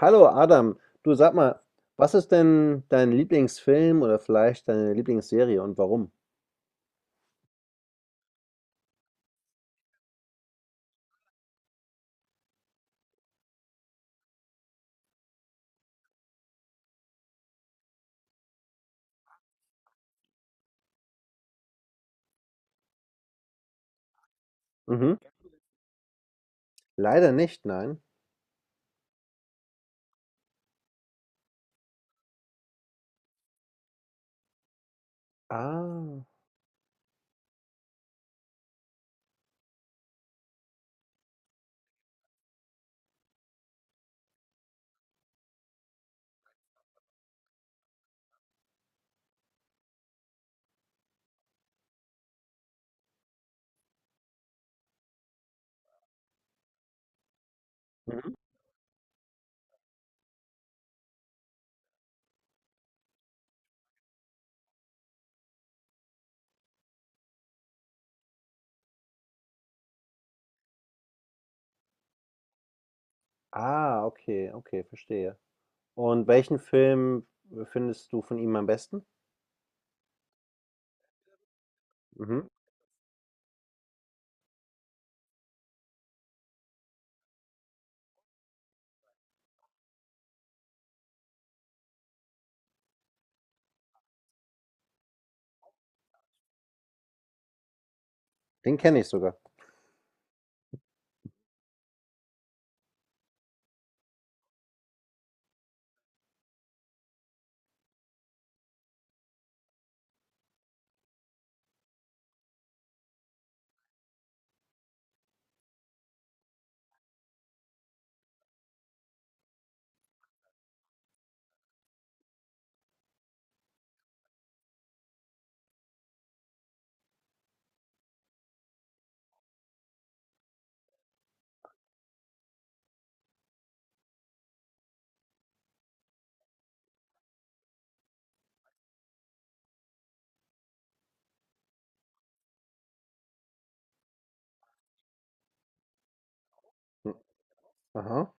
Hallo Adam, du sag mal, was ist denn dein Lieblingsfilm oder vielleicht deine Lieblingsserie und warum? Mhm. Leider nicht, nein. Ah, mhm. Ah, okay, okay, verstehe. Und welchen Film findest du von ihm am besten? Mhm. Den kenne ich sogar. Mhm. Aha,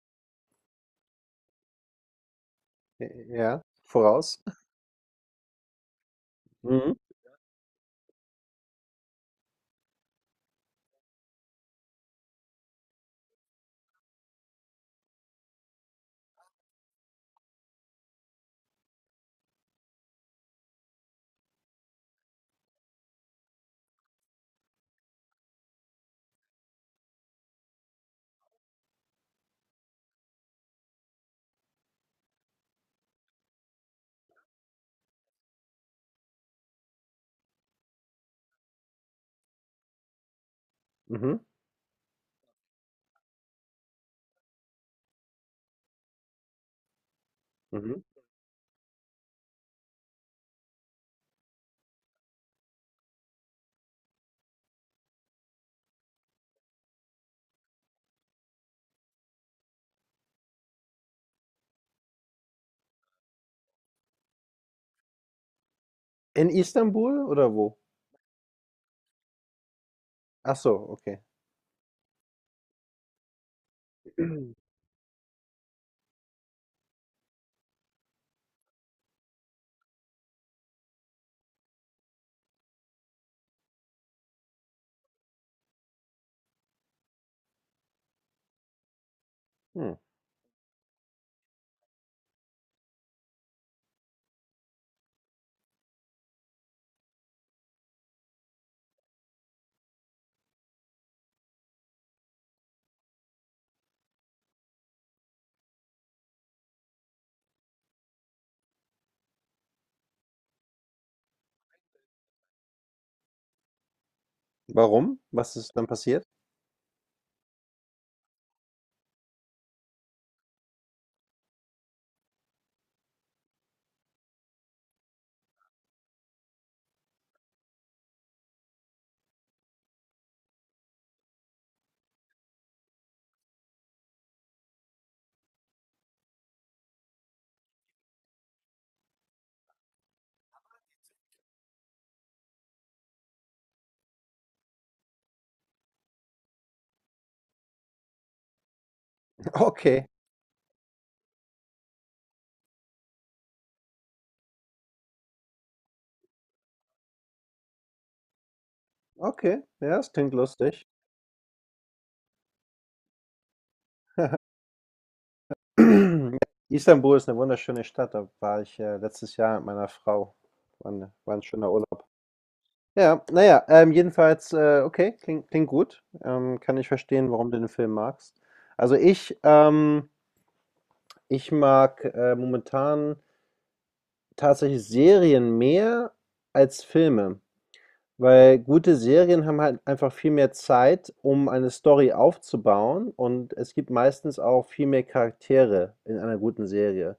ja, ja, voraus. Mhm. Mhm. Mhm. In Istanbul oder wo? Ach so, okay. Hm. Warum? Was ist dann passiert? Okay, okay, ja, das klingt lustig. Istanbul ist eine wunderschöne Stadt. Da war ich, letztes Jahr mit meiner Frau. War 'ne war 'n schöner Urlaub. Ja, na ja, jedenfalls, okay, klingt klingt gut. Kann ich verstehen, warum du den Film magst. Also ich, ich mag, momentan tatsächlich Serien mehr als Filme, weil gute Serien haben halt einfach viel mehr Zeit, um eine Story aufzubauen, und es gibt meistens auch viel mehr Charaktere in einer guten Serie.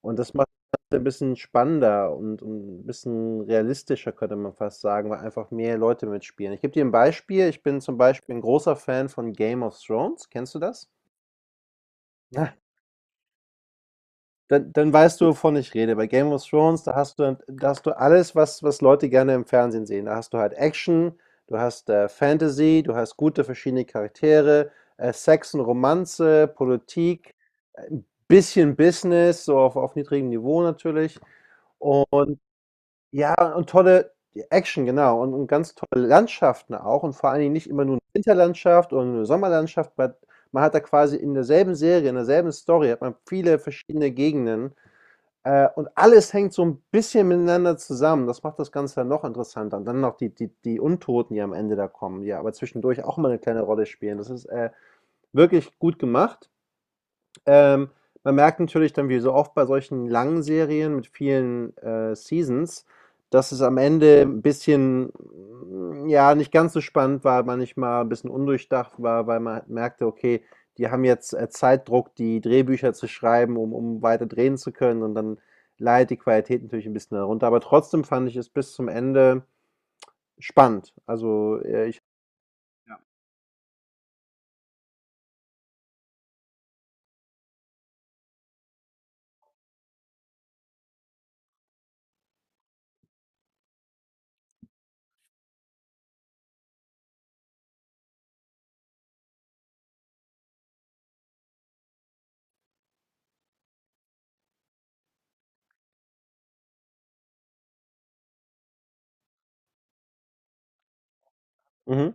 Und das macht das Ganze ein bisschen spannender und ein bisschen realistischer, könnte man fast sagen, weil einfach mehr Leute mitspielen. Ich gebe dir ein Beispiel. Ich bin zum Beispiel ein großer Fan von Game of Thrones. Kennst du das? Na, dann, dann weißt du, wovon ich rede. Bei Game of Thrones, da hast du alles, was, was Leute gerne im Fernsehen sehen. Da hast du halt Action, du hast Fantasy, du hast gute verschiedene Charaktere, Sex und Romanze, Politik, ein bisschen Business, so auf niedrigem Niveau natürlich. Und ja, und tolle Action, genau. Und ganz tolle Landschaften auch und vor allen Dingen nicht immer nur 'ne Winterlandschaft oder nur 'ne Sommerlandschaft, weil man hat da quasi in derselben Serie, in derselben Story hat man viele verschiedene Gegenden, und alles hängt so ein bisschen miteinander zusammen. Das macht das Ganze dann noch interessanter. Und dann noch die die Untoten, die am Ende da kommen, die aber zwischendurch auch mal eine kleine Rolle spielen. Das ist, wirklich gut gemacht. Ähm, man merkt natürlich dann, wie so oft bei solchen langen Serien mit vielen, Seasons, dass es am Ende 'n bisschen, hm, ja, nicht ganz so spannend war, manchmal 'n bisschen undurchdacht war, weil man halt merkte, okay, die haben jetzt, Zeitdruck, die Drehbücher zu schreiben, um weiter drehen zu können, und dann leidet die Qualität natürlich ein bisschen darunter. Aber trotzdem fand ich es bis zum Ende spannend. Also, ich mhm.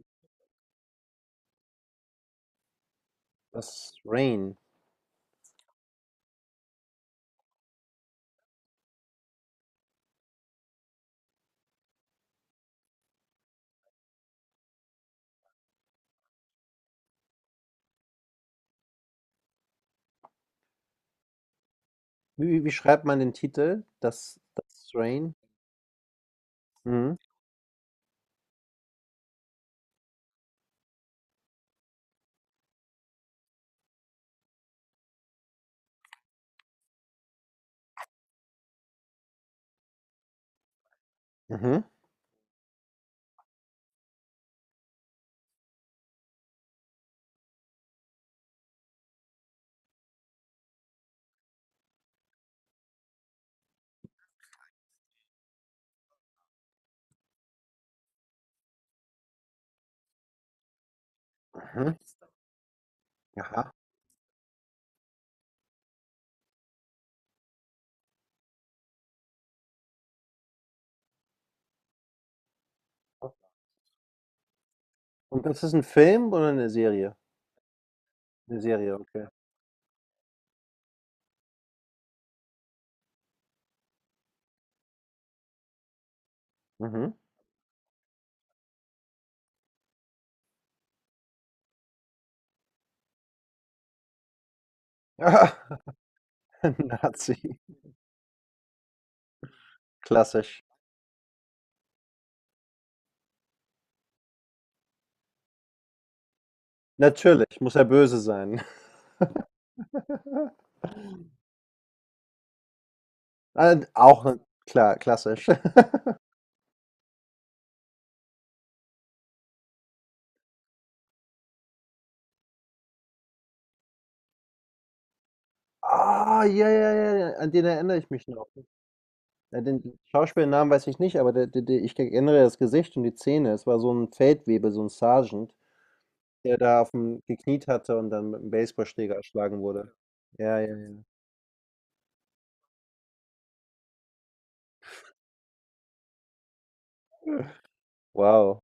Das Rain. Wie schreibt man den Titel? Das das Rain? Mhm. Mhm, mhm, aha. Und das ist ein Film oder eine Serie? Eine Serie, okay. Mhm. Ah, Nazi, klassisch. Natürlich, muss er böse sein. Auch 'ne klar, klassisch. Ah, ja, ja, ja, ja, an den erinnere ich mich noch. Ja, den Schauspielnamen weiß ich nicht, aber der ich erinnere das Gesicht und die Zähne. Es war so ein Feldwebel, so ein Sergeant, der da auf dem gekniet hatte und dann mit 'm Baseballschläger erschlagen wurde. Ja, ja, ja. Wow.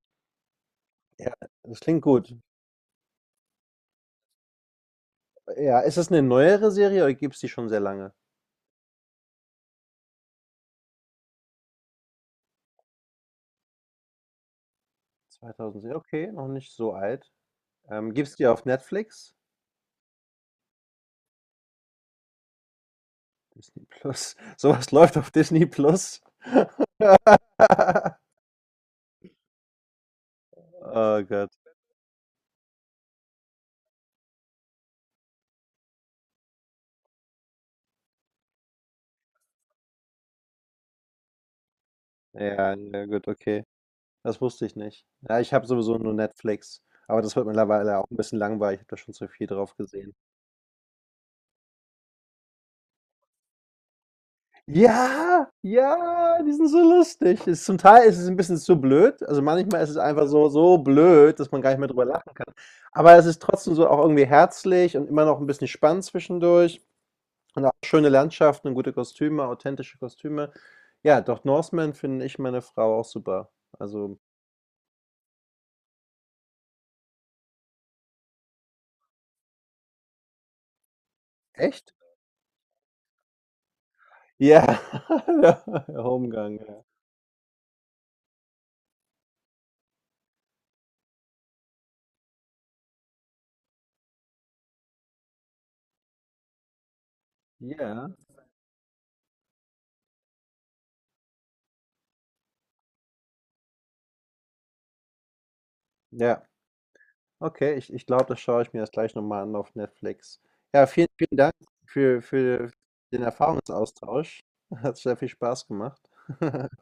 Ja, das klingt gut. Ja, ist das eine neuere Serie oder gibt's die schon sehr lange? 2007, okay, noch nicht so alt. Gibt's die auf Netflix? Disney Plus. Sowas läuft auf Disney Plus? Oh Gott. Ja, na gut, okay. Das wusste ich nicht. Ja, ich habe sowieso nur Netflix, aber das wird mittlerweile auch ein bisschen langweilig. Ich habe da schon zu viel drauf gesehen. Ja, ja, die sind so lustig. Ist zum Teil ist es ein bisschen zu blöd. Also, manchmal ist es einfach so so blöd, dass man gar nicht mehr drüber lacht. Aber es ist trotzdem so auch irgendwie herzlich und immer noch ein bisschen spannend zwischendurch und auch schöne Landschaften und gute Kostüme, authentische Kostüme. Ja, Doc Northman finde ich meine Frau auch super. Also echt? Ja, der Homegang, ja. Ja, ja. Okay, ich ich glaube, das schaue ich mir jetzt gleich noch mal an auf Netflix. Ja, vielen, vielen Dank für den Erfahrungsaustausch. Hat sehr viel Spaß gemacht.